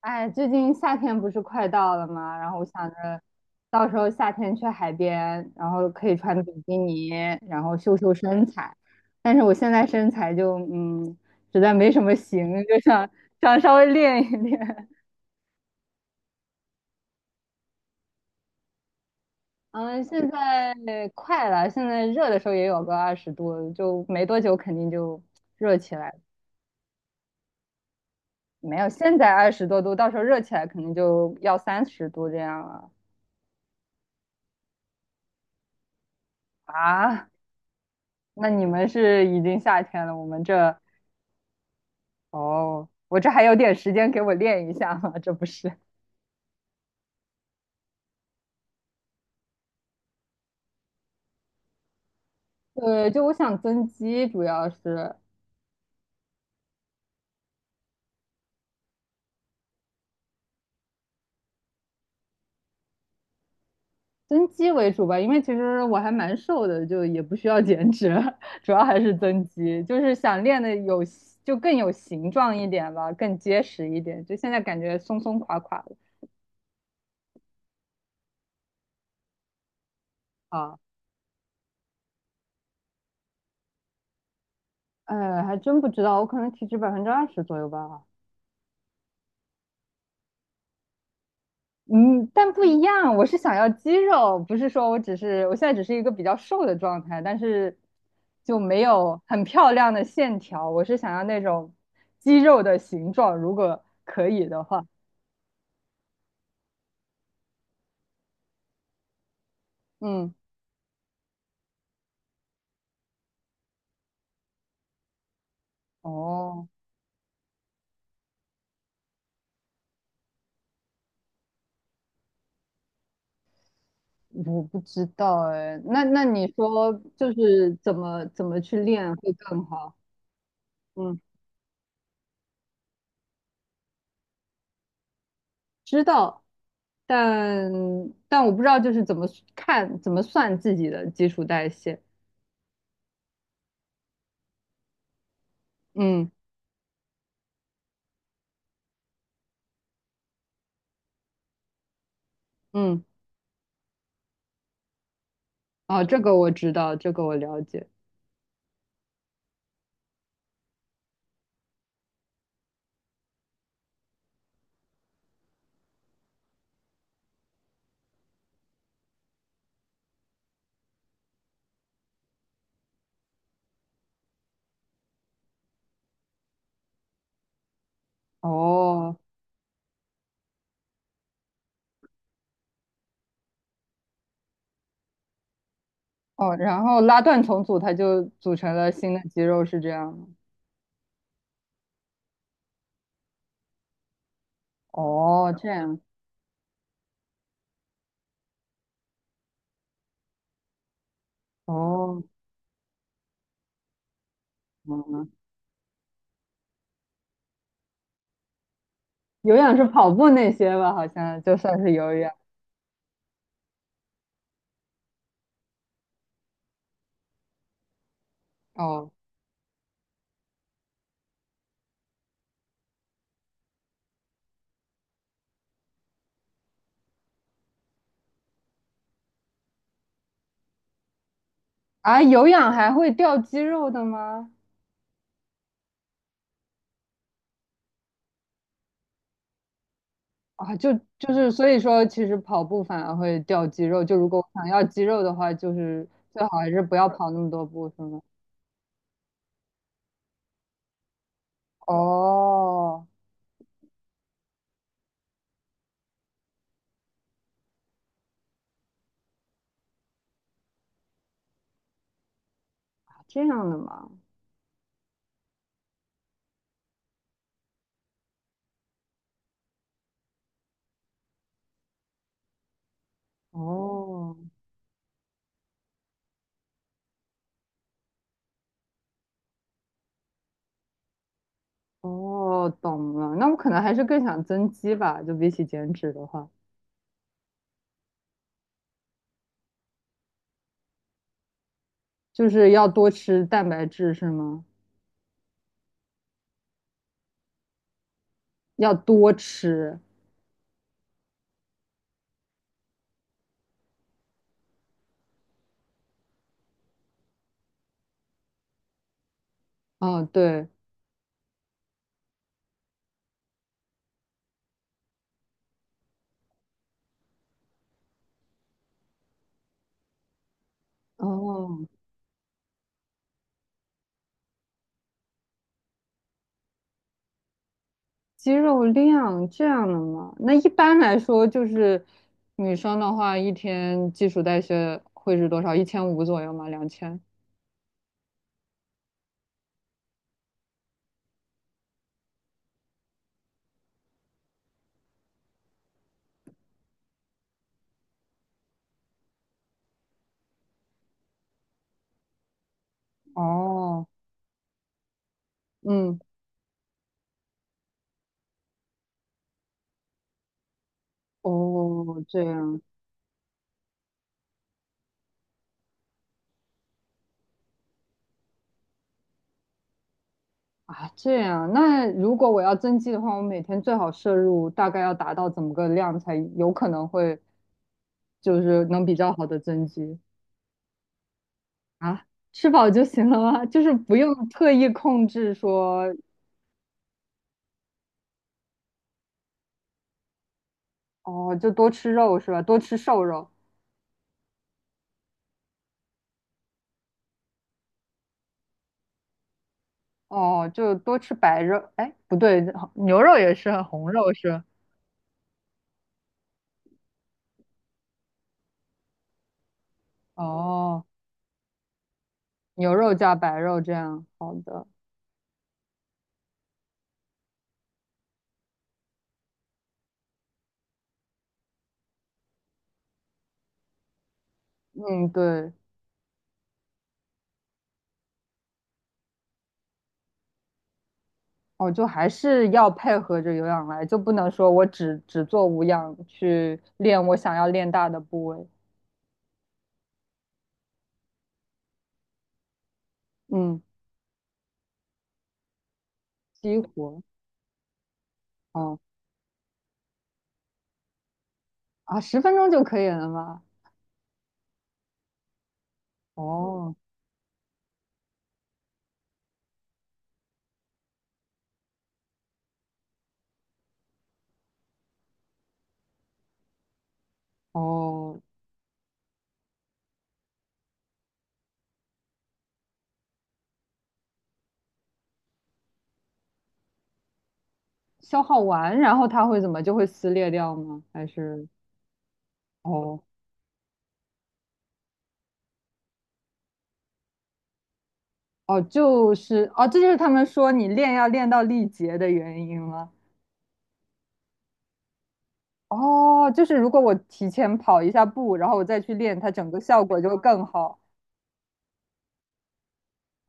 哎，最近夏天不是快到了吗？然后我想着，到时候夏天去海边，然后可以穿比基尼，然后秀秀身材。但是我现在身材就实在没什么型，就想稍微练一练。嗯，现在快了，现在热的时候也有个20度，就没多久肯定就热起来。没有，现在20多度，到时候热起来肯定就要30度这样了啊。那你们是已经夏天了，我们这，哦，我这还有点时间给我练一下嘛，这不是？对，就我想增肌，主要是增肌为主吧，因为其实我还蛮瘦的，就也不需要减脂，主要还是增肌，就是想练的有，就更有形状一点吧，更结实一点。就现在感觉松松垮垮的啊，还真不知道，我可能体脂20%左右吧。嗯，但不一样，我是想要肌肉，不是说我只是，我现在只是一个比较瘦的状态，但是就没有很漂亮的线条，我是想要那种肌肉的形状，如果可以的话。嗯。哦，我不知道哎，那你说就是怎么去练会更好？嗯，知道，但但我不知道就是怎么看怎么算自己的基础代谢。嗯嗯。哦，这个我知道，这个我了解。哦哦，然后拉断重组，它就组成了新的肌肉，是这样吗？哦，这样。哦。嗯，有氧是跑步那些吧？好像就算是有氧。哦啊，有氧还会掉肌肉的吗？啊，就是所以说，其实跑步反而会掉肌肉。就如果我想要肌肉的话，就是最好还是不要跑那么多步，是吗？哦。啊这样的嘛。哦。哦，懂了。那我可能还是更想增肌吧，就比起减脂的话，就是要多吃蛋白质，是吗？要多吃。哦，对。哦，肌肉量这样的嘛。那一般来说，就是女生的话，一天基础代谢会是多少？1500左右吗？2000？哦。嗯。哦，这样啊，这样。那如果我要增肌的话，我每天最好摄入大概要达到怎么个量才有可能会就是能比较好的增肌，啊，吃饱就行了吗？就是不用特意控制说。哦，就多吃肉是吧？多吃瘦肉。哦，就多吃白肉，哎，不对，牛肉也是红肉是吧。哦，牛肉加白肉这样，好的。嗯，对。哦，就还是要配合着有氧来，就不能说我只做无氧去练我想要练大的部位。嗯，激活。哦，啊，10分钟就可以了吗？哦。哦，消耗完，然后它会怎么就会撕裂掉吗？还是哦。哦，就是哦，这就是他们说你练要练到力竭的原因吗？哦，就是如果我提前跑一下步，然后我再去练，它整个效果就会更好。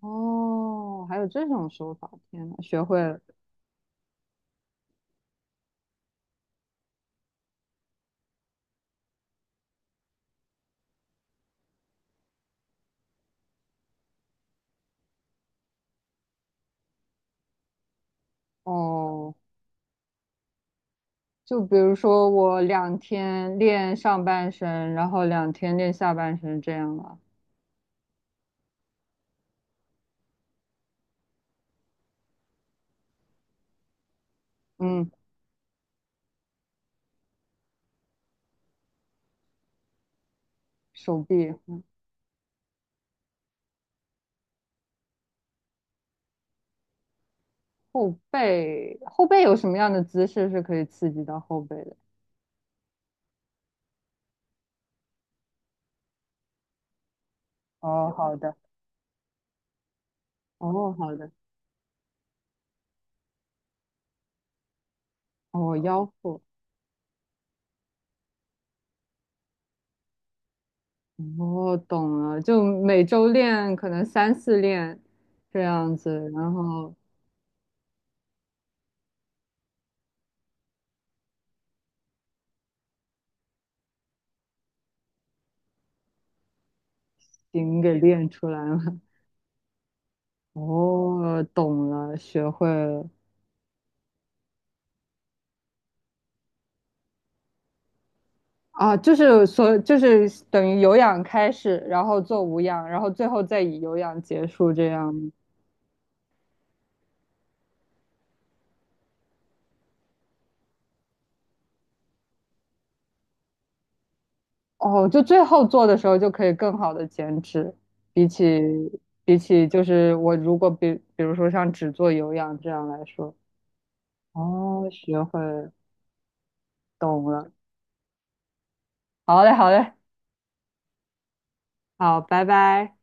哦，还有这种手法，天呐，学会了。哦，就比如说我两天练上半身，然后两天练下半身，这样啊。嗯，手臂。后背，后背有什么样的姿势是可以刺激到后背的？哦，好的。哦，好的。哦，腰腹。哦，懂了，就每周练可能三四练这样子，然后筋给练出来了。哦，懂了，学会了。啊，就是所就是等于有氧开始，然后做无氧，然后最后再以有氧结束这样。哦，就最后做的时候就可以更好的减脂，比起比起就是我如果比如说像只做有氧这样来说。哦，学会懂了，好嘞，好嘞，好，拜拜。